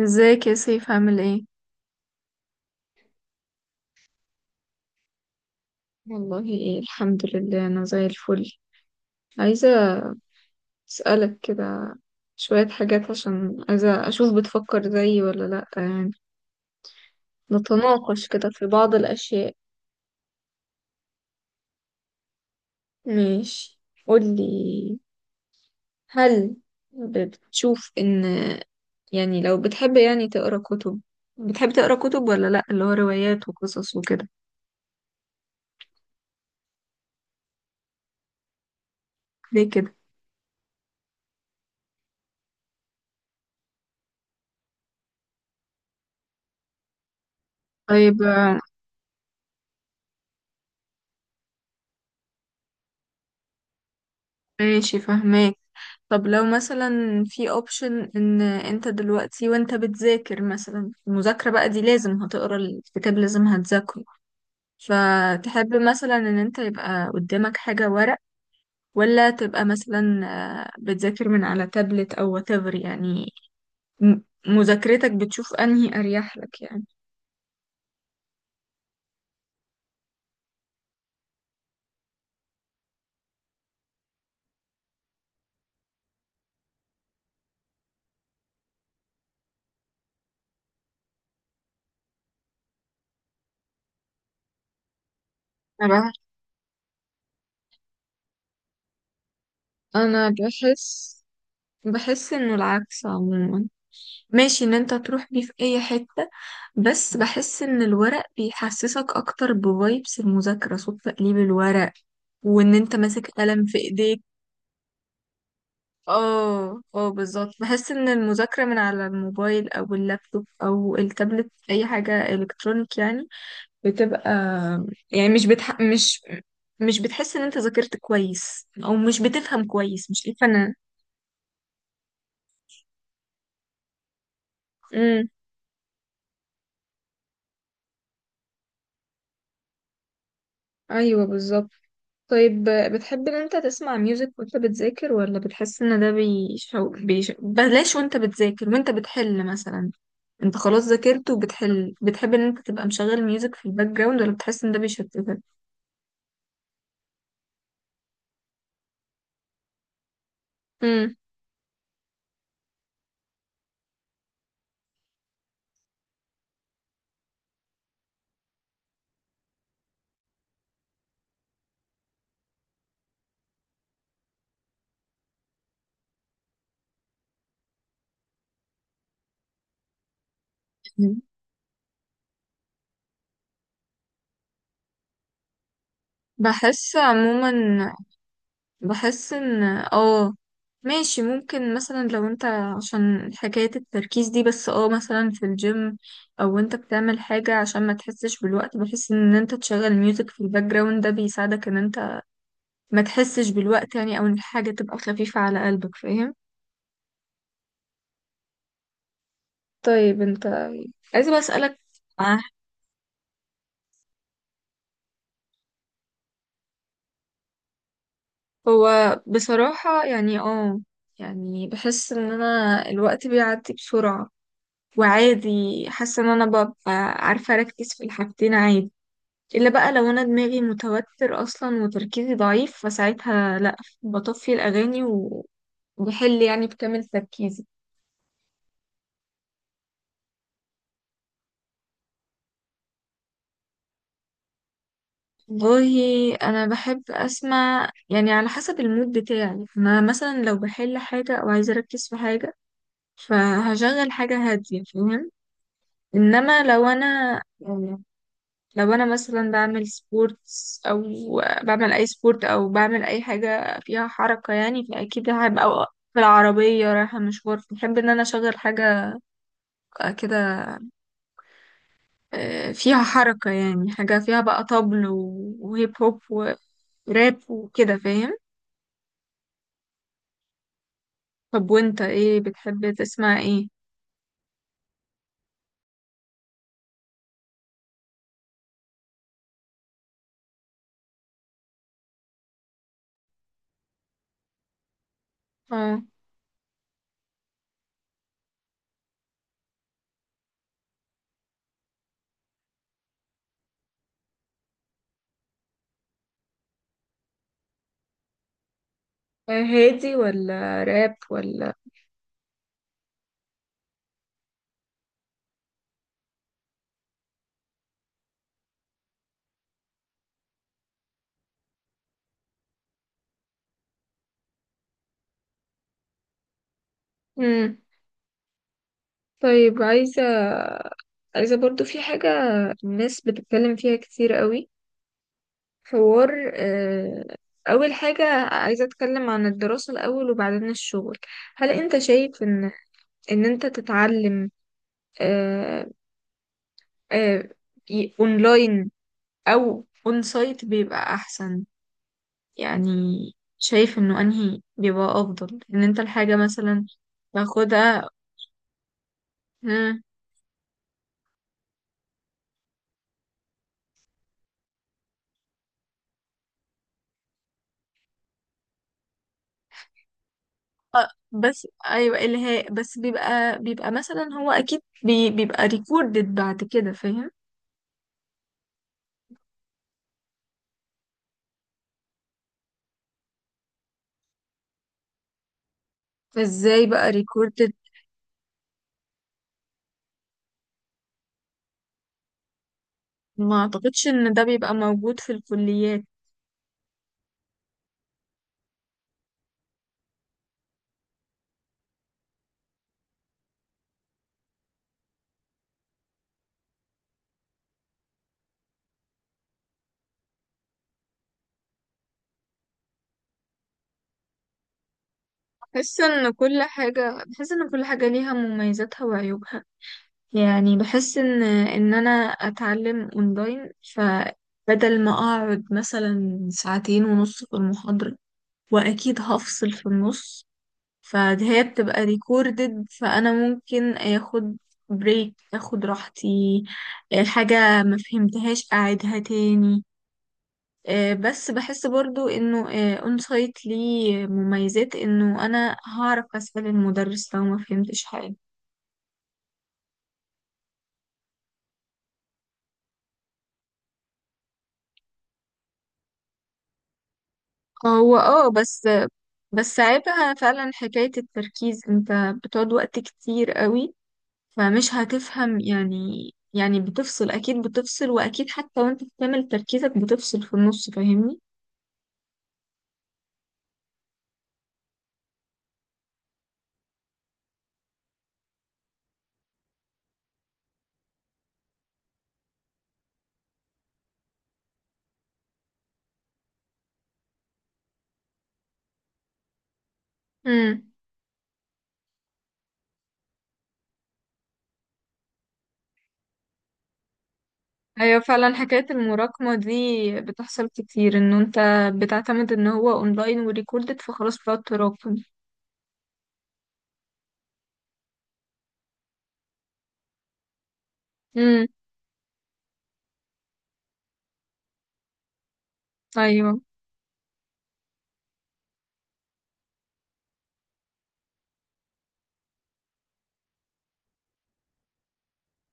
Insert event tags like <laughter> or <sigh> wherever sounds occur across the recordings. ازيك يا سيف، عامل ايه؟ والله إيه الحمد لله، أنا زي الفل. عايزة أسألك كده شوية حاجات، عشان عايزة أشوف بتفكر زيي ولا لأ يعني. نتناقش كده في بعض الأشياء. ماشي. قولي. هل بتشوف إن، يعني لو بتحب يعني تقرأ كتب، بتحب تقرأ كتب ولا لأ، اللي هو روايات وقصص وكده؟ ليه كده؟ طيب. ماشي، فهماك. طب لو مثلا في اوبشن ان انت دلوقتي وانت بتذاكر مثلا، المذاكرة بقى دي لازم هتقرا الكتاب لازم هتذاكره، فتحب مثلا ان انت يبقى قدامك حاجة ورق، ولا تبقى مثلا بتذاكر من على تابلت او whatever يعني؟ م- مذاكرتك بتشوف انهي اريح لك يعني؟ انا بح- أنا بحس، بحس انه العكس عموما. ماشي ان انت تروح بيه في اي حتة، بس بحس ان الورق بيحسسك اكتر بفايبس المذاكرة، صوت تقليب الورق، وان انت ماسك قلم في ايديك. اه، اه، بالظبط. بحس ان المذاكرة من على الموبايل او اللابتوب او التابلت اي حاجة الكترونيك يعني بتبقى، يعني مش بتحس ان انت ذاكرت كويس او مش بتفهم كويس، مش عارفة انا. امم ايوه بالظبط. طيب. بتحب ان انت تسمع ميوزك وانت بتذاكر، ولا بتحس ان ده بلاش، وانت بتذاكر وانت بتحل مثلا، انت خلاص ذاكرت وبتحل، بتحب ان انت تبقى مشغل ميوزك في الباك جراوند، ولا بتحس ان ده بيشتتك؟ امم بحس عموما، بحس ان ماشي، ممكن مثلا لو انت عشان حكاية التركيز دي، بس مثلا في الجيم او انت بتعمل حاجة عشان ما تحسش بالوقت، بحس ان انت تشغل ميوزك في الباك جراوند ده بيساعدك ان انت ما تحسش بالوقت يعني، او ان الحاجة تبقى خفيفة على قلبك، فاهم؟ طيب. انت، عايزة بقى اسألك. آه، هو بصراحة يعني يعني بحس ان انا الوقت بيعدي بسرعة، وعادي. حاسة ان انا ببقى عارفة اركز في الحاجتين عادي، الا بقى لو انا دماغي متوتر اصلا وتركيزي ضعيف فساعتها لا، بطفي الاغاني وبحل يعني بكامل تركيزي. والله انا بحب اسمع يعني على حسب المود بتاعي. انا مثلا لو بحل حاجه او عايزه اركز في حاجه فهشغل حاجه هاديه، فاهم؟ انما لو انا، يعني لو انا مثلا بعمل سبورتس او بعمل اي سبورت او بعمل اي حاجه فيها حركه يعني، فاكيد هبقى، أو في العربيه رايحه مشوار، بحب ان انا اشغل حاجه كده فيها حركه، يعني حاجه فيها بقى طبل وهيب هوب وراب وكده، فاهم؟ طب وانت ايه بتحب تسمع ايه؟ اه هادي ولا راب ولا؟ امم طيب. عايزة برضو في حاجة الناس بتتكلم فيها كتير قوي، حوار أول حاجة عايزة أتكلم عن الدراسة الأول وبعدين الشغل. هل أنت شايف إن أنت تتعلم آه، آه، أونلاين أو أون سايت بيبقى أحسن؟ يعني شايف انه انهي بيبقى افضل ان انت الحاجة مثلا تاخدها؟ مم. بس ايوه الهاء، بس بيبقى مثلا، هو اكيد بيبقى ريكوردد بعد كده، فاهم؟ فازاي بقى ريكوردد؟ ما اعتقدش ان ده بيبقى موجود في الكليات. بحس ان كل حاجة ليها مميزاتها وعيوبها. يعني بحس ان انا اتعلم اونلاين، ف بدل ما اقعد مثلا ساعتين ونص في المحاضرة واكيد هفصل في النص، فهي بتبقى ريكوردد فانا ممكن اخد بريك، اخد راحتي، الحاجة ما فهمتهاش اعيدها تاني. بس بحس برضو انه اون سايت ليه مميزات، انه انا هعرف اسأل المدرس لو ما فهمتش حاجة. هو اه بس بس عيبها فعلا حكاية التركيز، انت بتقعد وقت كتير قوي فمش هتفهم يعني. يعني بتفصل، اكيد بتفصل، واكيد حتى وانت بتعمل تركيزك بتفصل في النص، فاهمني؟ امم. ايوه فعلا، حكاية المراكمة دي بتحصل كتير، ان انت بتعتمد ان هو اونلاين وريكوردد فخلاص بتقعد تراكم. امم. ايوه.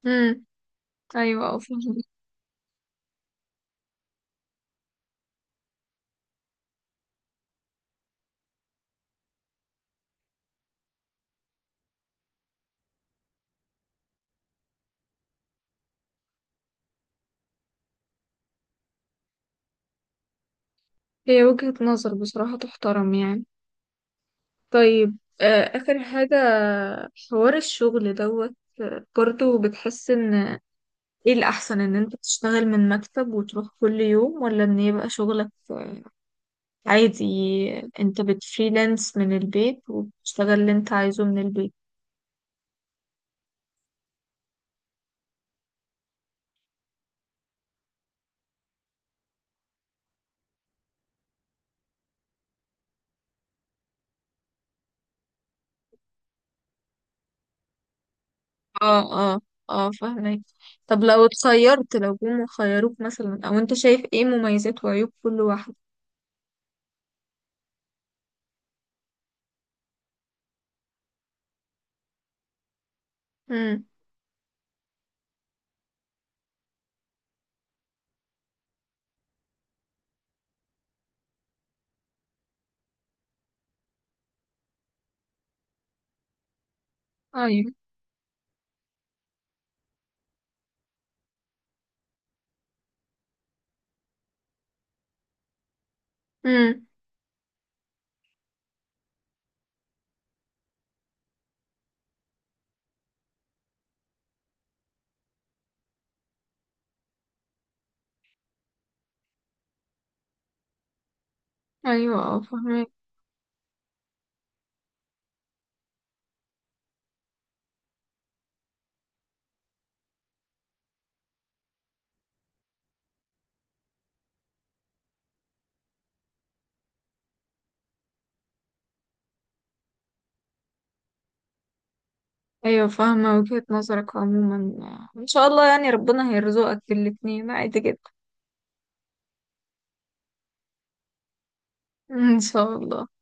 امم. ايوه، أه، فعلا. هي وجهة نظر بصراحة تحترم يعني. طيب. اخر حاجة، حوار الشغل دوت. برضو بتحس ان ايه الأحسن، ان انت تشتغل من مكتب وتروح كل يوم، ولا ان يبقى شغلك عادي انت بتفريلانس من البيت وبتشتغل اللي انت عايزه من البيت؟ اه، اه، اه، فاهمك. طب لو اتخيرت، لو جم خيروك مثلا، او انت شايف ايه مميزات وعيوب كل واحد؟ امم. ايوه. امم. ايوه. اه، فاهمك. ايوه فاهمة وجهة نظرك عموما، ان شاء الله يعني، ربنا هيرزقك الاتنين عادي جدا. <laughs> ان شاء الله.